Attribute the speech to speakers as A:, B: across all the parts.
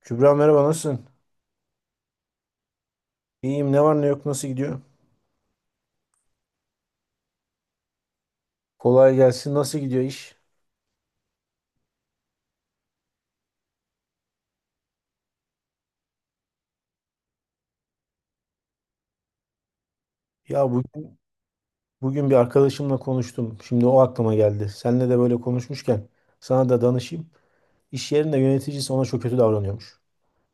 A: Kübra, merhaba, nasılsın? İyiyim, ne var ne yok, nasıl gidiyor? Kolay gelsin, nasıl gidiyor iş? Ya bugün, bugün bir arkadaşımla konuştum. Şimdi o aklıma geldi. Seninle de böyle konuşmuşken sana da danışayım. İş yerinde yöneticisi ona çok kötü davranıyormuş.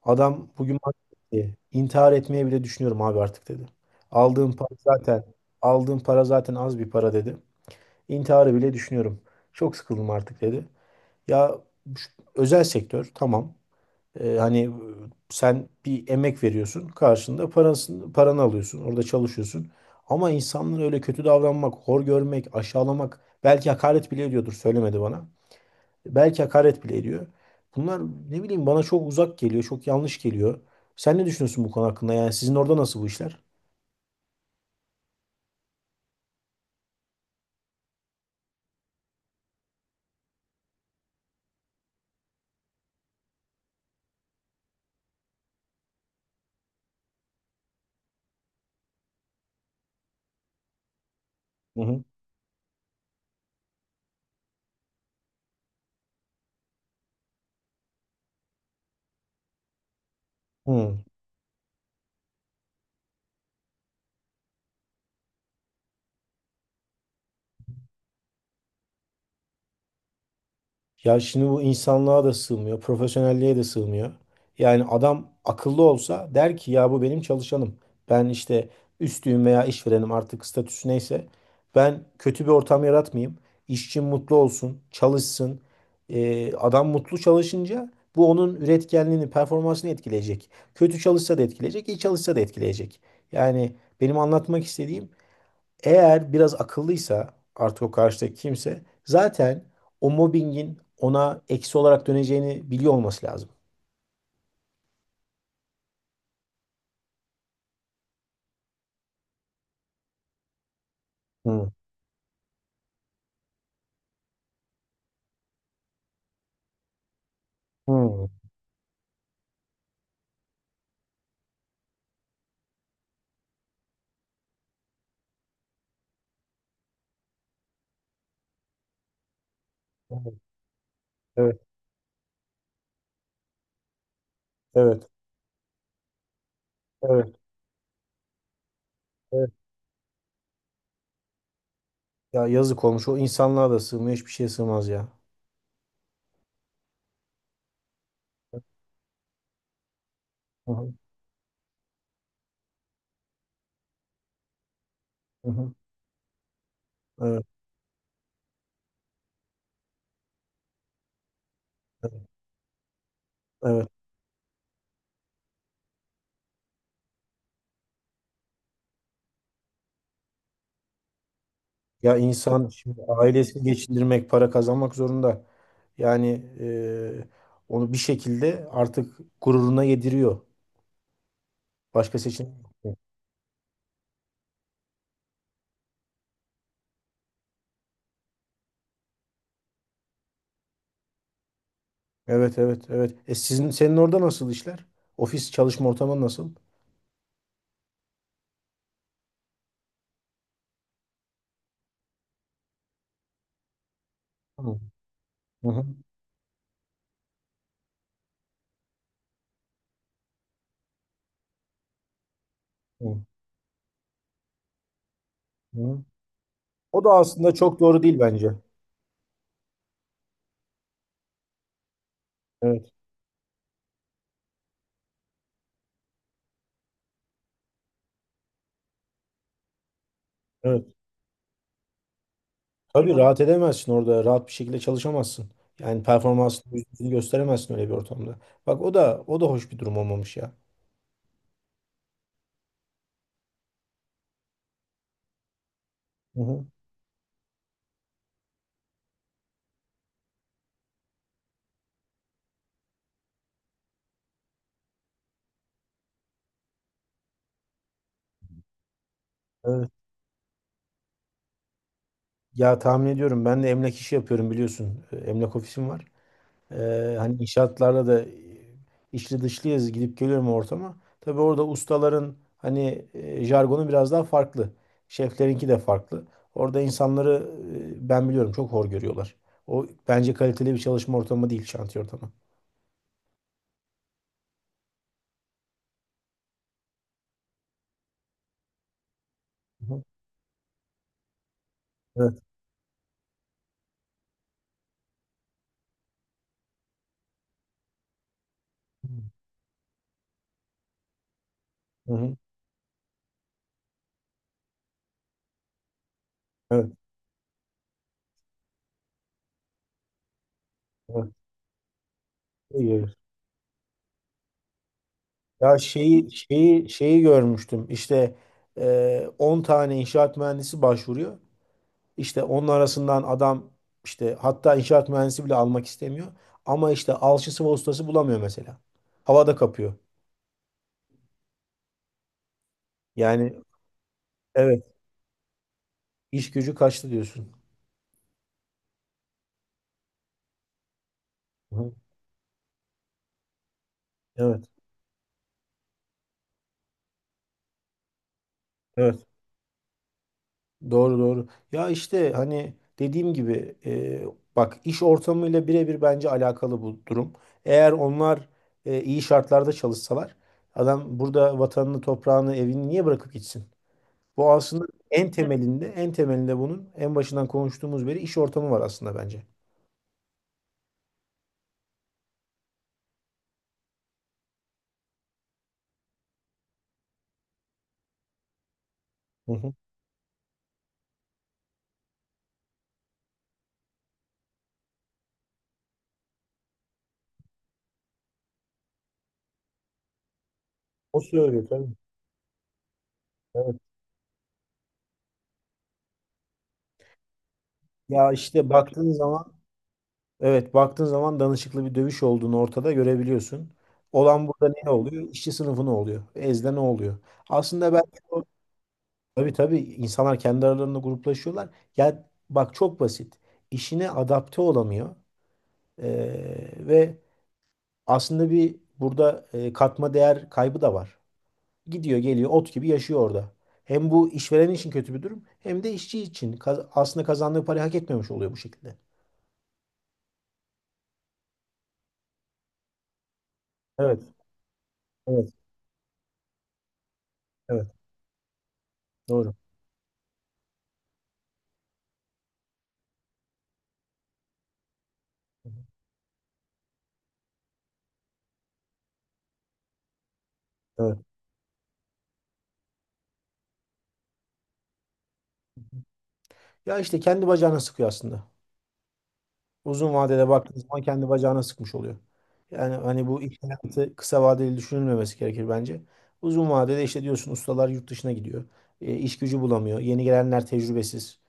A: Adam bugün bana dedi ki, intihar etmeye bile düşünüyorum abi artık dedi. Aldığım para zaten aldığım para zaten az bir para dedi. İntiharı bile düşünüyorum. Çok sıkıldım artık dedi. Ya şu- özel sektör tamam. Ee, hani e, sen bir emek veriyorsun, karşında parasını, paranı alıyorsun, orada çalışıyorsun. Ama insanlara öyle kötü davranmak, hor görmek, aşağılamak, belki hakaret bile ediyordur, söylemedi bana. Belki hakaret bile ediyor. Bunlar, ne bileyim, bana çok uzak geliyor, çok yanlış geliyor. Sen ne düşünüyorsun bu konu hakkında? Yani sizin orada nasıl bu işler? Hı hı. Hmm. Ya şimdi bu insanlığa da sığmıyor, profesyonelliğe de sığmıyor. Yani adam akıllı olsa der ki ya bu benim çalışanım. Ben işte üstüyüm veya işverenim, artık statüsü neyse. Ben kötü bir ortam yaratmayayım. İşçim mutlu olsun, çalışsın. Adam mutlu çalışınca bu onun üretkenliğini, performansını etkileyecek. Kötü çalışsa da etkileyecek, iyi çalışsa da etkileyecek. Yani benim anlatmak istediğim, eğer biraz akıllıysa artık o karşıdaki kimse zaten o mobbingin ona eksi olarak döneceğini biliyor olması lazım. Hı, hı. Evet, evet, evet, evet. Evet. Ya yazık olmuş. O insanlığa da sığmıyor. Hiçbir şeye sığmaz ya. Hı hı, hı hı. Evet, evet. Evet. Ya insan şimdi ailesini geçindirmek, para kazanmak zorunda. Yani e, onu bir şekilde artık gururuna yediriyor. Başka seçenek yok. Evet, evet, evet. E, sizin, senin orada nasıl işler? Ofis çalışma ortamı nasıl? Hı hı. Hı, hı. O da aslında çok doğru değil bence. Evet, evet. Tabii rahat edemezsin orada. Rahat bir şekilde çalışamazsın. Yani performansını yüzde yüz gösteremezsin öyle bir ortamda. Bak, o da o da hoş bir durum olmamış ya. Hı hı. Evet. Ya tahmin ediyorum, ben de emlak işi yapıyorum biliyorsun. E, emlak ofisim var. Hani inşaatlarda da içli dışlıyız, gidip geliyorum ortama. Tabii orada ustaların hani jargonu biraz daha farklı. Şeflerinki de farklı. Orada insanları ben biliyorum çok hor görüyorlar. O bence kaliteli bir çalışma ortamı değil şantiye ortamı. Hı hı. Evet. Hı hı. Evet. Evet. İyi görüyoruz. Ya şeyi görmüştüm. İşte 10 tane inşaat mühendisi başvuruyor. İşte onun arasından adam işte hatta inşaat mühendisi bile almak istemiyor. Ama işte alçısı ve ustası bulamıyor mesela. Havada kapıyor. Yani evet, iş gücü kaçtı diyorsun. Hı hı. Evet, evet. Doğru, doğru. Ya işte hani dediğim gibi bak, iş ortamıyla birebir bence alakalı bu durum. Eğer onlar iyi şartlarda çalışsalar adam burada vatanını, toprağını, evini niye bırakıp gitsin? Bu aslında en temelinde, bunun en başından konuştuğumuz beri iş ortamı var aslında bence. Hı hı. O söylüyor tabii. Evet. Ya işte baktığın zaman, evet, baktığın zaman danışıklı bir dövüş olduğunu ortada görebiliyorsun. Olan burada ne oluyor? İşçi sınıfı ne oluyor? Ezde ne oluyor? Aslında belki o, tabii tabii, insanlar kendi aralarında gruplaşıyorlar. Ya bak, çok basit. İşine adapte olamıyor. Ve aslında burada katma değer kaybı da var. Gidiyor geliyor, ot gibi yaşıyor orada. Hem bu işveren için kötü bir durum hem de işçi için aslında kazandığı parayı hak etmemiş oluyor bu şekilde. Evet, evet, evet. Doğru. Evet. Ya işte kendi bacağına sıkıyor aslında. Uzun vadede baktığınız zaman kendi bacağına sıkmış oluyor. Yani hani bu iş hayatı kısa vadeli düşünülmemesi gerekir bence. Uzun vadede işte diyorsun ustalar yurt dışına gidiyor. E, iş gücü bulamıyor. Yeni gelenler tecrübesiz.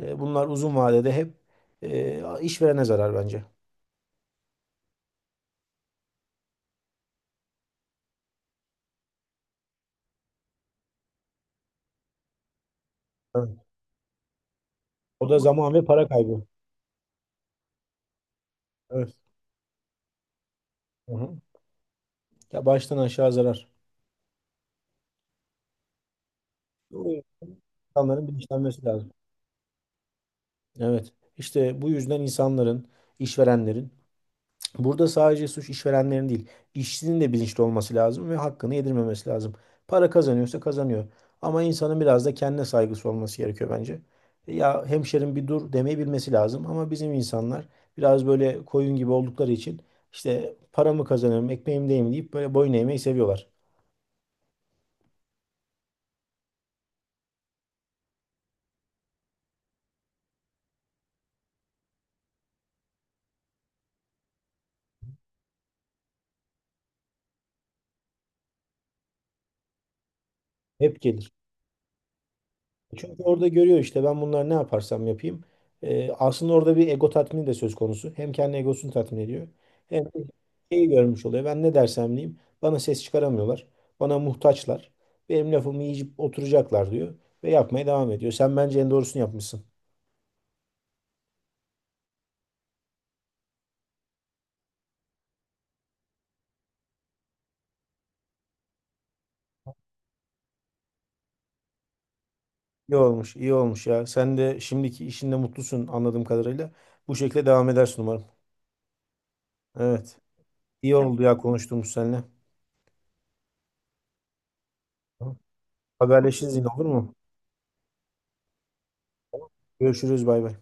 A: Bunlar uzun vadede hep işverene zarar bence. Evet. O da zaman ve para kaybı. Evet. Hı hı. Ya baştan aşağı zarar. O, insanların bilinçlenmesi lazım. Evet. İşte bu yüzden insanların, işverenlerin, burada sadece suç işverenlerin değil, işçinin de bilinçli olması lazım ve hakkını yedirmemesi lazım. Para kazanıyorsa kazanıyor. Ama insanın biraz da kendine saygısı olması gerekiyor bence. Ya hemşerim, bir dur demeyi bilmesi lazım, ama bizim insanlar biraz böyle koyun gibi oldukları için işte paramı kazanıyorum, ekmeğimdeyim deyip böyle boyun eğmeyi seviyorlar. Hep gelir. Çünkü orada görüyor işte, ben bunlar ne yaparsam yapayım. Aslında orada bir ego tatmini de söz konusu. Hem kendi egosunu tatmin ediyor. Hem de şeyi görmüş oluyor. Ben ne dersem diyeyim. Bana ses çıkaramıyorlar. Bana muhtaçlar. Benim lafımı yiyip oturacaklar diyor. Ve yapmaya devam ediyor. Sen bence en doğrusunu yapmışsın. İyi olmuş, iyi olmuş ya. Sen de şimdiki işinde mutlusun anladığım kadarıyla. Bu şekilde devam edersin umarım. Evet. İyi oldu ya konuştuğumuz seninle. Tamam. Haberleşiriz yine, olur mu? Görüşürüz, bay bay.